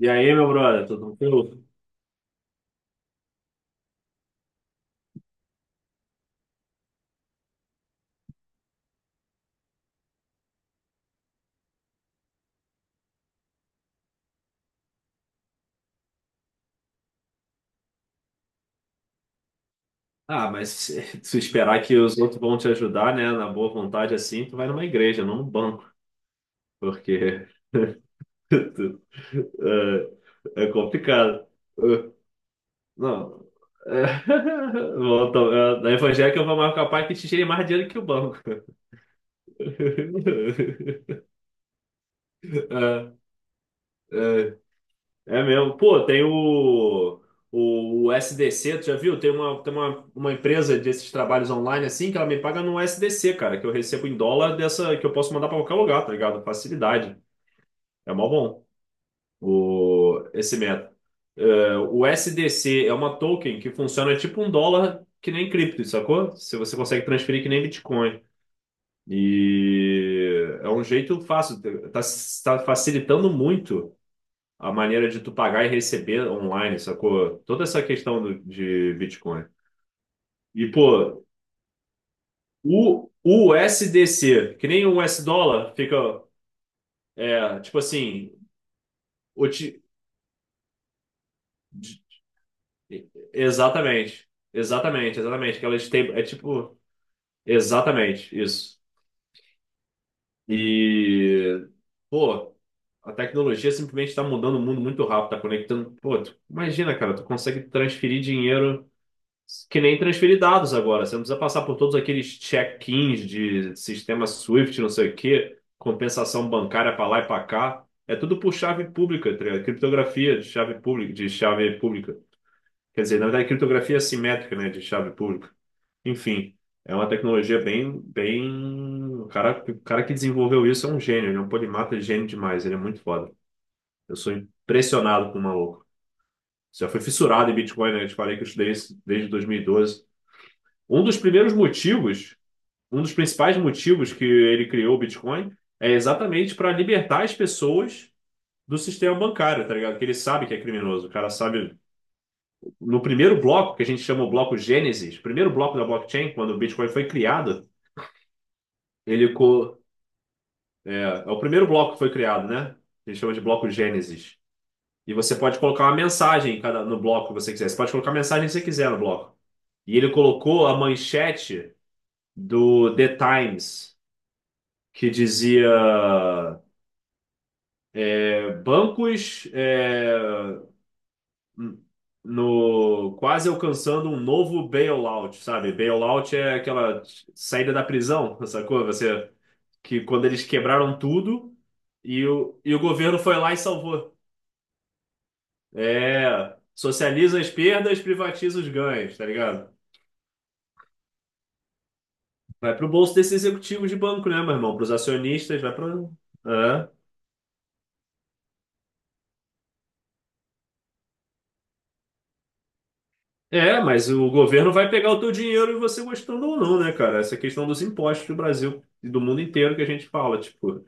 E aí, meu brother, tudo tranquilo? Ah, mas se esperar que os outros vão te ajudar, né, na boa vontade assim, tu vai numa igreja, não num banco, porque tu- é complicado. Eh, Não. É, volta, na evangélica eu vou mais capaz que te tire mais dinheiro que o banco. É, é mesmo. Pô, tem o SDC, tu já viu? Uma empresa desses trabalhos online assim que ela me paga no SDC, cara, que eu recebo em dólar dessa que eu posso mandar pra qualquer lugar, tá ligado? Facilidade. É mó bom esse método. É, o SDC é uma token que funciona tipo um dólar que nem cripto, sacou? Se você consegue transferir que nem Bitcoin. E é um jeito fácil, tá, tá facilitando muito a maneira de tu pagar e receber online, sacou? Toda essa questão de Bitcoin. E, pô, o USDC, que nem o US dólar, fica, tipo assim, o ti- de- exatamente, exatamente, exatamente, que ela é tipo, exatamente, isso. E, pô, a tecnologia simplesmente está mudando o mundo muito rápido, tá conectando, pô, tu, imagina, cara, tu consegue transferir dinheiro que nem transferir dados agora. Você não precisa passar por todos aqueles check-ins de sistema Swift, não sei o quê, compensação bancária para lá e para cá. É tudo por chave pública, tá ligado? Criptografia de chave pública, de chave pública. Quer dizer, na verdade, criptografia assimétrica, né, de chave pública. Enfim, é uma tecnologia bem, bem. O cara que desenvolveu isso é um gênio, ele é um polimata, ele é gênio demais, ele é muito foda. Eu sou impressionado com o maluco. Já fui fissurado em Bitcoin, né? Eu te falei que eu estudei isso desde 2012. Um dos primeiros motivos, um dos principais motivos que ele criou o Bitcoin é exatamente para libertar as pessoas do sistema bancário, tá ligado? Que ele sabe que é criminoso. O cara sabe. No primeiro bloco, que a gente chama o bloco Gênesis, o primeiro bloco da blockchain, quando o Bitcoin foi criado, ele. co- é o primeiro bloco que foi criado, né? A gente chama de bloco Gênesis. E você pode colocar uma mensagem em cada, no bloco que você quiser. Você pode colocar a mensagem que você quiser no bloco. E ele colocou a manchete do The Times que dizia bancos no quase alcançando um novo bailout, sabe? Bailout é aquela saída da prisão, sacou? Você que quando eles quebraram tudo e o governo foi lá e salvou. É, socializa as perdas, privatiza os ganhos, tá ligado? Vai pro bolso desse executivo de banco, né, meu irmão? Pros acionistas, vai pro. É. É, mas o governo vai pegar o teu dinheiro e você gostando ou não, né, cara? Essa questão dos impostos do Brasil e do mundo inteiro que a gente fala, tipo,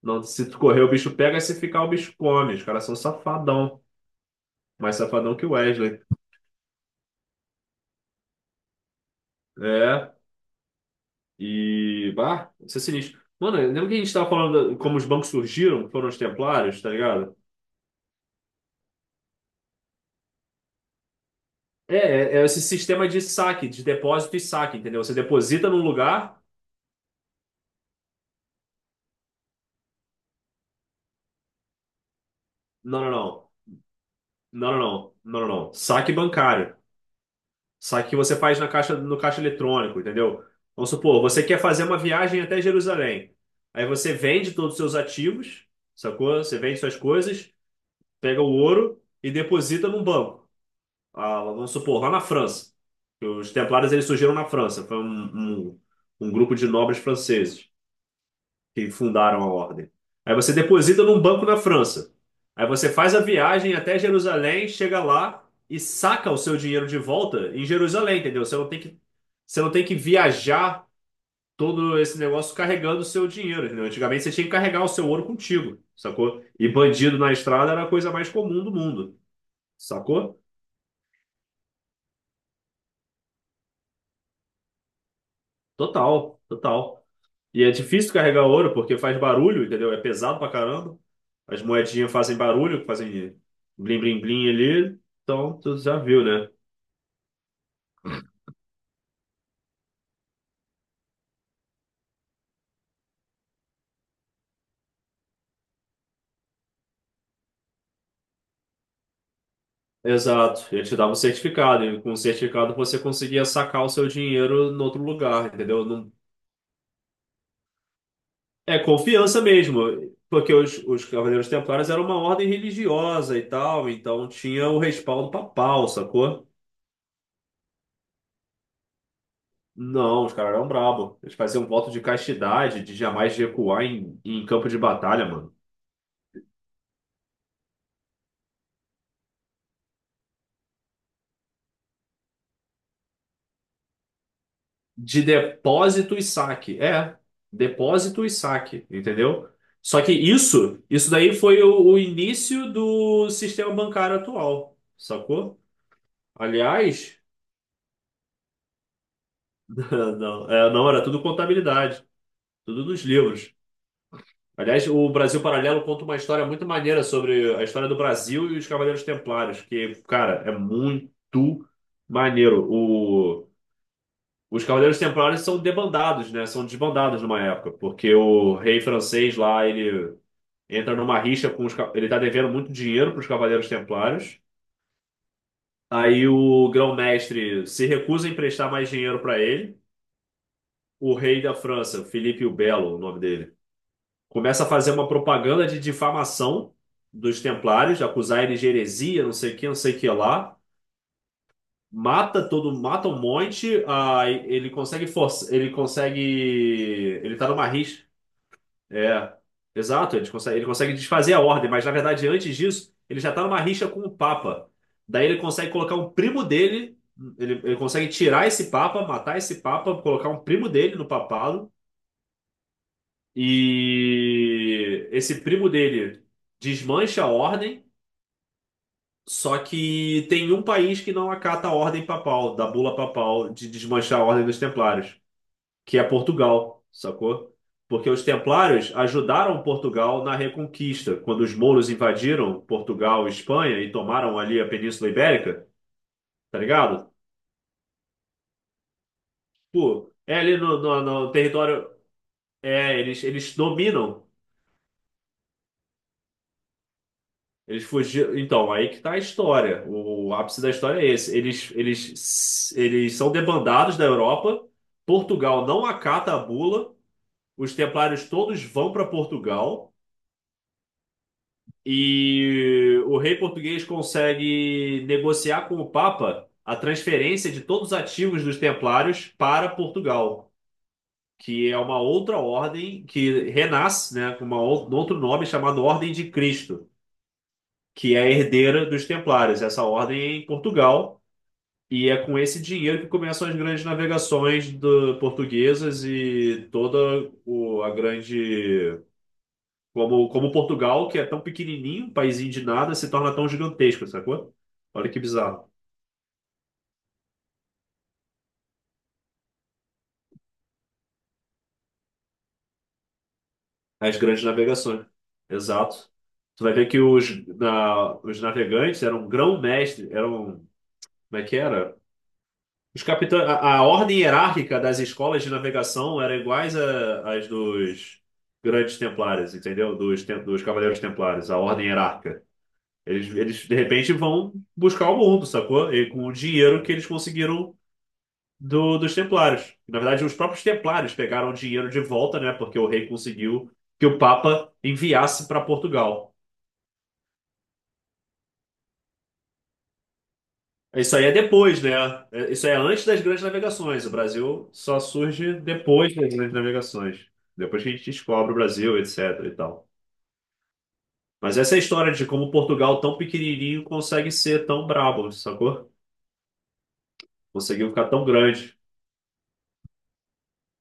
não, se tu correr o bicho pega, se ficar o bicho come. Os caras são safadão, mais safadão que o Wesley. É, e, bah, isso é sinistro. Mano, lembra que a gente tava falando como os bancos surgiram, foram os templários, tá ligado? É, esse sistema de saque, de depósito e saque, entendeu? Você deposita num lugar, não, não, não, não, não, não, não, não, não. Saque bancário. Só que você faz na caixa, no caixa eletrônico, entendeu? Vamos supor, você quer fazer uma viagem até Jerusalém. Aí você vende todos os seus ativos, sacou? Você vende suas coisas, pega o ouro e deposita num banco. Ah, vamos supor, lá na França. Os Templários eles surgiram na França. Foi um grupo de nobres franceses que fundaram a ordem. Aí você deposita num banco na França. Aí você faz a viagem até Jerusalém, chega lá e saca o seu dinheiro de volta em Jerusalém, entendeu? Você não tem que viajar todo esse negócio carregando o seu dinheiro, entendeu? Antigamente você tinha que carregar o seu ouro contigo, sacou? E bandido na estrada era a coisa mais comum do mundo, sacou? Total, total. E é difícil carregar ouro porque faz barulho, entendeu? É pesado pra caramba. As moedinhas fazem barulho, fazem blim blim blim ali. Então, tu já viu, né? Exato. Ele te dava um certificado. E com o certificado você conseguia sacar o seu dinheiro em outro lugar, entendeu? Não. É confiança mesmo. Porque os Cavaleiros Templários eram uma ordem religiosa e tal. Então tinha o respaldo papal, sacou? Não, os caras eram brabo. Eles faziam voto de castidade, de jamais recuar em campo de batalha, mano. De depósito e saque. É, depósito e saque, entendeu? Só que isso daí foi o início do sistema bancário atual, sacou? Aliás, não, não, era tudo contabilidade, tudo nos livros. Aliás, o Brasil Paralelo conta uma história muito maneira sobre a história do Brasil e os Cavaleiros Templários, que, cara, é muito maneiro. Os Cavaleiros Templários são debandados, né? São desbandados numa época, porque o rei francês lá, ele entra numa rixa com os. Ele tá devendo muito dinheiro para os Cavaleiros Templários. Aí o grão-mestre se recusa a emprestar mais dinheiro para ele. O rei da França, Felipe o Belo, o nome dele, começa a fazer uma propaganda de difamação dos Templários, acusar eles de heresia, não sei o que, não sei o que lá. Mata todo, mata um monte, aí ele consegue força, ele consegue, ele tá numa rixa. É, exato, ele consegue desfazer a ordem, mas na verdade, antes disso, ele já está numa rixa com o Papa. Daí ele consegue colocar um primo dele, ele consegue tirar esse Papa, matar esse Papa, colocar um primo dele no papado, e esse primo dele desmancha a ordem, só que tem um país que não acata a ordem papal, da bula papal, de desmanchar a ordem dos Templários, que é Portugal, sacou? Porque os Templários ajudaram Portugal na Reconquista, quando os mouros invadiram Portugal e Espanha e tomaram ali a Península Ibérica, tá ligado? Pô, é ali no, no território. É, eles dominam. Eles fugiram. Então, aí que tá a história. O ápice da história é esse. Eles são debandados da Europa. Portugal não acata a bula. Os templários todos vão para Portugal. E o rei português consegue negociar com o Papa a transferência de todos os ativos dos Templários para Portugal, que é uma outra ordem que renasce, né, com um outro nome chamado Ordem de Cristo, que é a herdeira dos Templários. Essa ordem é em Portugal e é com esse dinheiro que começam as grandes navegações portuguesas e toda a grande como Portugal, que é tão pequenininho, um paísinho de nada, se torna tão gigantesco, sacou? Olha que bizarro. As grandes navegações. Exato. Tu vai ver que os, os navegantes eram grão-mestre, eram. Como é que era? Os capitães, a ordem hierárquica das escolas de navegação era iguais às dos grandes templários, entendeu? Dos cavaleiros templários, a ordem hierárquica. De repente, vão buscar o mundo, sacou? E com o dinheiro que eles conseguiram dos Templários. Na verdade, os próprios Templários pegaram o dinheiro de volta, né? Porque o rei conseguiu que o Papa enviasse para Portugal. Isso aí é depois, né? Isso é antes das grandes navegações. O Brasil só surge depois das grandes navegações. Depois que a gente descobre o Brasil, etc. e tal. Mas essa é a história de como Portugal, tão pequenininho, consegue ser tão brabo, sacou? Conseguiu ficar tão grande.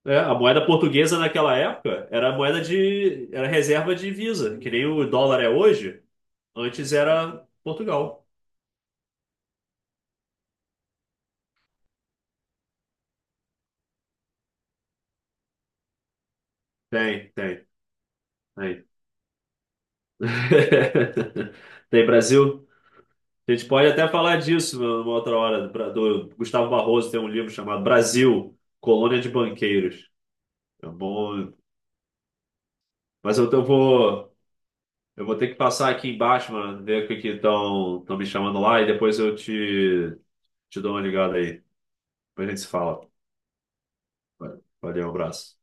É, a moeda portuguesa naquela época era a moeda de, era reserva de divisa, que nem o dólar é hoje. Antes era Portugal. Tem, tem, tem. Tem Brasil? A gente pode até falar disso numa outra hora. Do Gustavo Barroso tem um livro chamado Brasil, Colônia de Banqueiros. É bom. Mas eu vou ter que passar aqui embaixo, mano, ver o que que estão me chamando lá e depois eu te dou uma ligada aí. Depois a gente se fala. Valeu, um abraço.